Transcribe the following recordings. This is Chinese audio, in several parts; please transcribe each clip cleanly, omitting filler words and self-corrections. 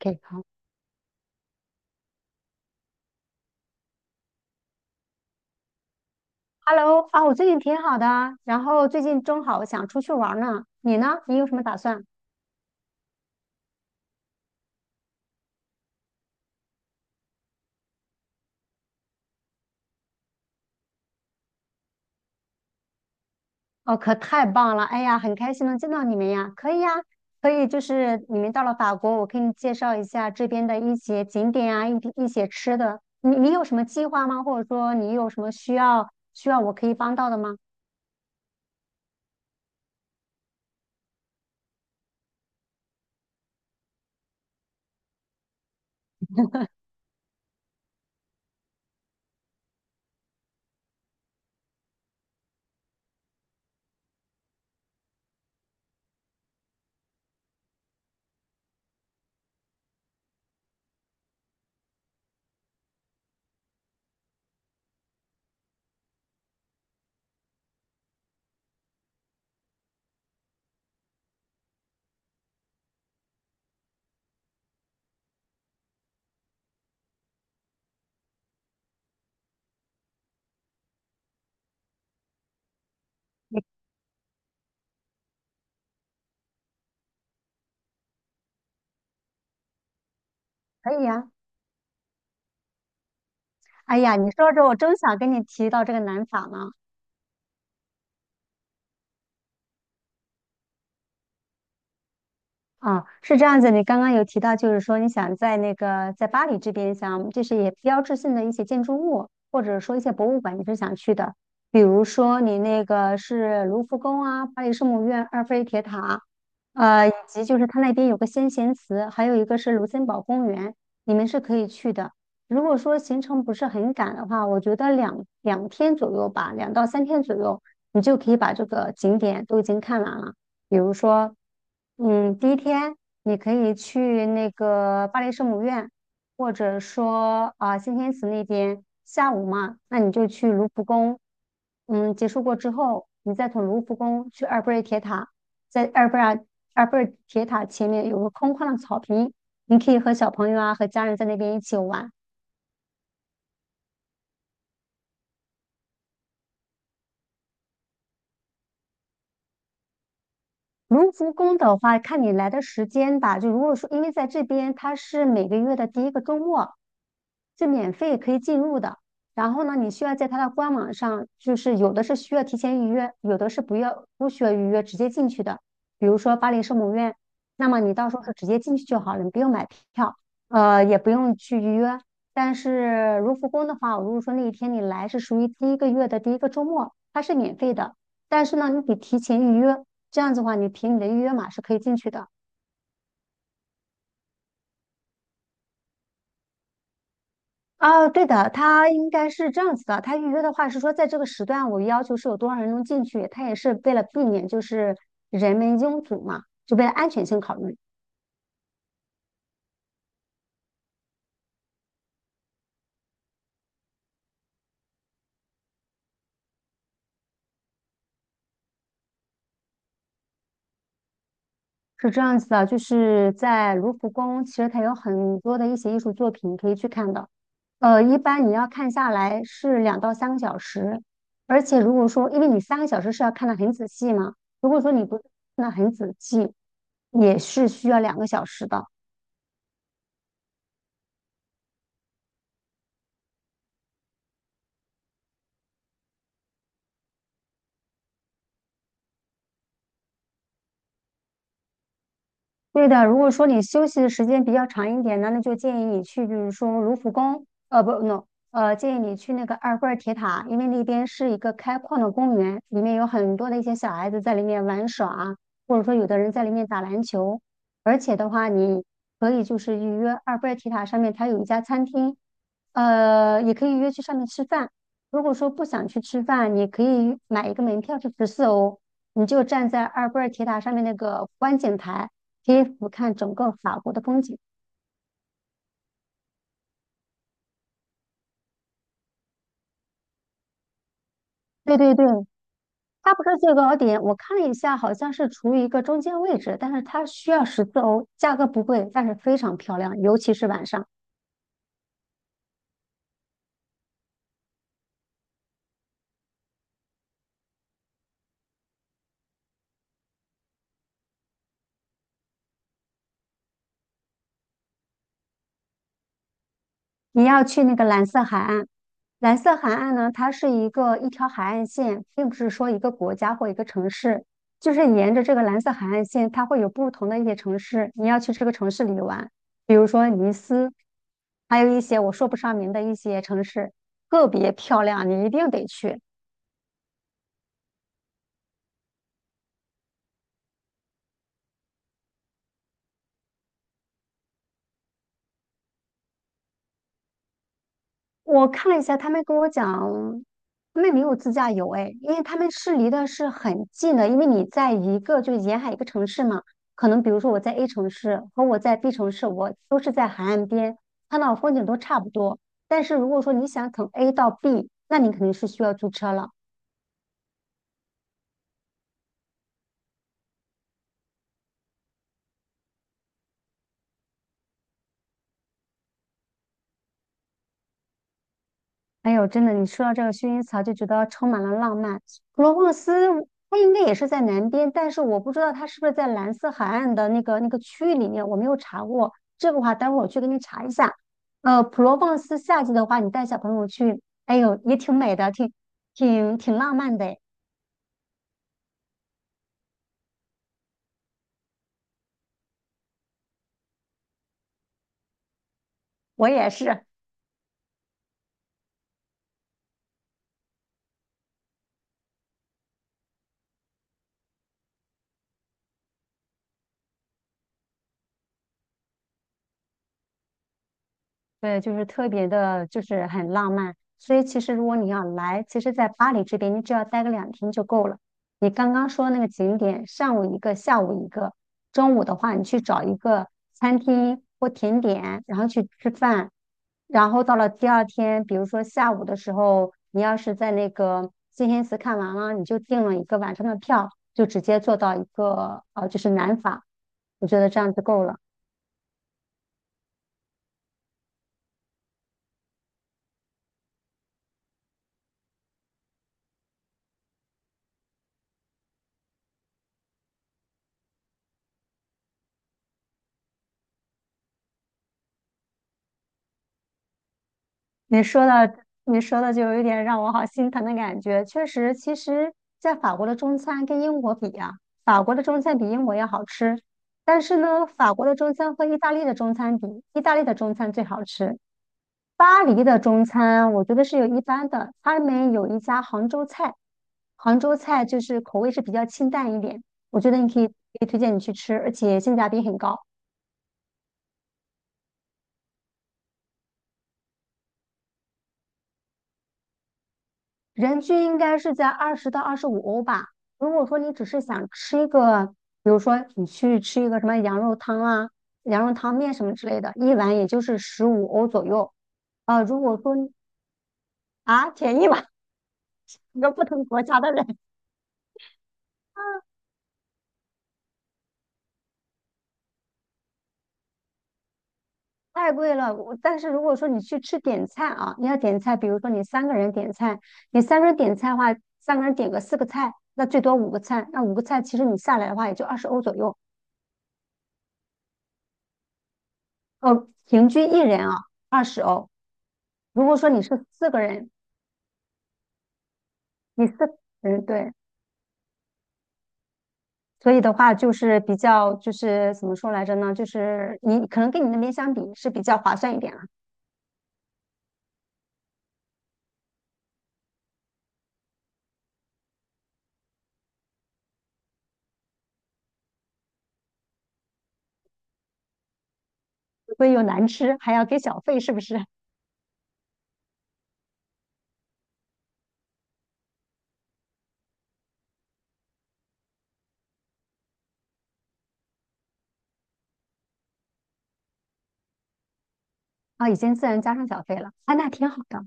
OK，好，Hello 啊，我最近挺好的啊，然后最近正好想出去玩儿呢，你呢？你有什么打算？哦，可太棒了，哎呀，很开心能见到你们呀，可以呀，可以，就是你们到了法国，我给你介绍一下这边的一些景点啊，一些吃的，你有什么计划吗？或者说你有什么需要我可以帮到的吗？可以呀，哎呀，你说着我正想跟你提到这个南法呢。啊，是这样子。你刚刚有提到，就是说你想在那个在巴黎这边想，就是也标志性的一些建筑物，或者说一些博物馆，你是想去的。比如说你那个是卢浮宫啊，巴黎圣母院、埃菲尔铁塔，以及就是它那边有个先贤祠，还有一个是卢森堡公园，你们是可以去的。如果说行程不是很赶的话，我觉得两天左右吧，2到3天左右，你就可以把这个景点都已经看完了。比如说，嗯，第一天你可以去那个巴黎圣母院，或者说啊、先天祠那边。下午嘛，那你就去卢浮宫。嗯，结束过之后，你再从卢浮宫去埃菲尔铁塔，在埃菲尔铁塔前面有个空旷的草坪，你可以和小朋友啊和家人在那边一起玩。卢浮宫的话，看你来的时间吧。就如果说，因为在这边它是每个月的第一个周末，是免费可以进入的。然后呢，你需要在它的官网上，就是有的是需要提前预约，有的是不需要预约直接进去的。比如说巴黎圣母院，那么你到时候是直接进去就好了，你不用买票，也不用去预约。但是卢浮宫的话，如果说那一天你来是属于第一个月的第一个周末，它是免费的，但是呢，你得提前预约。这样子的话，你凭你的预约码是可以进去的。哦，对的，它应该是这样子的。它预约的话是说，在这个时段，我要求是有多少人能进去，它也是为了避免就是人们拥堵嘛，就为了安全性考虑，是这样子的。就是在卢浮宫，其实它有很多的一些艺术作品可以去看的。一般你要看下来是2到3个小时，而且如果说因为你三个小时是要看得很仔细嘛，如果说你不看得很仔细，也是需要2个小时的。对的，如果说你休息的时间比较长一点呢，那就建议你去，比如说卢浮宫，不，no，建议你去那个埃菲尔铁塔，因为那边是一个开矿的公园，里面有很多的一些小孩子在里面玩耍啊，或者说有的人在里面打篮球，而且的话，你可以就是预约埃菲尔铁塔上面它有一家餐厅，也可以约去上面吃饭。如果说不想去吃饭，你可以买一个门票是十四欧，你就站在埃菲尔铁塔上面那个观景台。可以俯瞰整个法国的风景。对对对，它不是最高点，我看了一下，好像是处于一个中间位置，但是它需要十四欧，价格不贵，但是非常漂亮，尤其是晚上。你要去那个蓝色海岸，蓝色海岸呢，它是一个一条海岸线，并不是说一个国家或一个城市，就是沿着这个蓝色海岸线，它会有不同的一些城市，你要去这个城市里玩，比如说尼斯，还有一些我说不上名的一些城市，特别漂亮，你一定得去。我看了一下，他们跟我讲，他们没有自驾游哎，因为他们是离的是很近的，因为你在一个就是沿海一个城市嘛，可能比如说我在 A 城市和我在 B 城市，我都是在海岸边，看到风景都差不多。但是如果说你想从 A 到 B，那你肯定是需要租车了。哎呦，真的，你说到这个薰衣草，就觉得充满了浪漫。普罗旺斯，它应该也是在南边，但是我不知道它是不是在蓝色海岸的那个区域里面，我没有查过。这个话，待会儿我去给你查一下。普罗旺斯夏季的话，你带小朋友去，哎呦，也挺美的，挺浪漫的诶我也是。对，就是特别的，就是很浪漫。所以其实如果你要来，其实，在巴黎这边，你只要待个两天就够了。你刚刚说那个景点，上午一个，下午一个，中午的话，你去找一个餐厅或甜点，然后去吃饭。然后到了第二天，比如说下午的时候，你要是在那个金黑寺看完了，你就订了一个晚上的票，就直接坐到一个就是南法。我觉得这样就够了。你说的，你说的就有一点让我好心疼的感觉。确实，其实，在法国的中餐跟英国比啊，法国的中餐比英国要好吃。但是呢，法国的中餐和意大利的中餐比，意大利的中餐最好吃。巴黎的中餐我觉得是有一般的，他们有一家杭州菜，杭州菜就是口味是比较清淡一点，我觉得你可以推荐你去吃，而且性价比很高。人均应该是在20到25欧吧。如果说你只是想吃一个，比如说你去吃一个什么羊肉汤啊、羊肉汤面什么之类的，一碗也就是十五欧左右。如果说啊便宜吧，一个不同国家的人 太贵了。我但是如果说你去吃点菜啊，你要点菜，比如说你三个人点菜，你三个人点菜的话，三个人点个4个菜，那最多五个菜，那五个菜其实你下来的话也就二十欧左右。平均一人啊二十欧。如果说你是四个人，你四个人对，所以的话就是比较就是怎么说来着呢？就是你可能跟你那边相比是比较划算一点了，所以又难吃，还要给小费，是不是？啊，已经自然加上小费了，啊，那挺好的。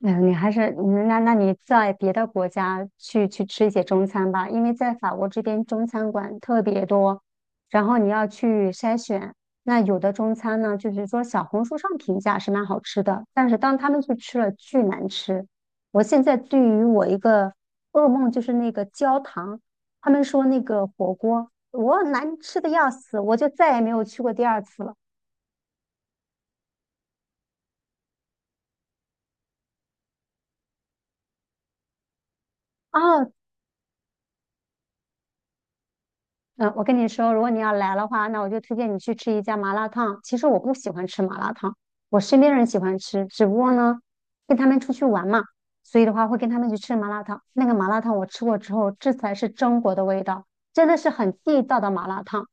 嗯，你还是那你在别的国家去吃一些中餐吧，因为在法国这边中餐馆特别多，然后你要去筛选。那有的中餐呢，就是说小红书上评价是蛮好吃的，但是当他们去吃了，巨难吃。我现在对于我一个噩梦就是那个焦糖，他们说那个火锅我难吃的要死，我就再也没有去过第二次了。啊，嗯，我跟你说，如果你要来的话，那我就推荐你去吃一家麻辣烫。其实我不喜欢吃麻辣烫，我身边人喜欢吃，只不过呢，跟他们出去玩嘛，所以的话会跟他们去吃麻辣烫。那个麻辣烫我吃过之后，这才是中国的味道，真的是很地道的麻辣烫。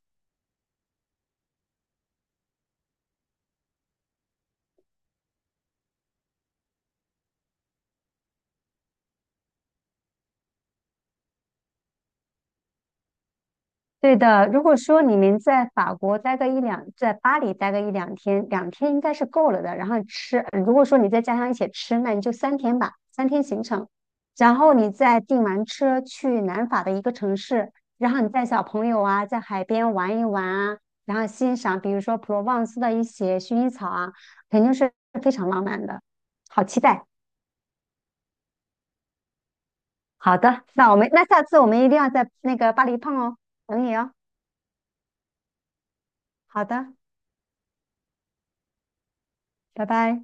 对的，如果说你们在法国待个一两，在巴黎待个一两天，两天应该是够了的。然后吃，如果说你再加上一起吃，那你就三天吧，三天行程。然后你再订完车去南法的一个城市，然后你带小朋友啊，在海边玩一玩啊，然后欣赏比如说普罗旺斯的一些薰衣草啊，肯定是非常浪漫的。好期待！好的，那我们那下次我们一定要在那个巴黎碰哦，等你哦。好的，拜拜。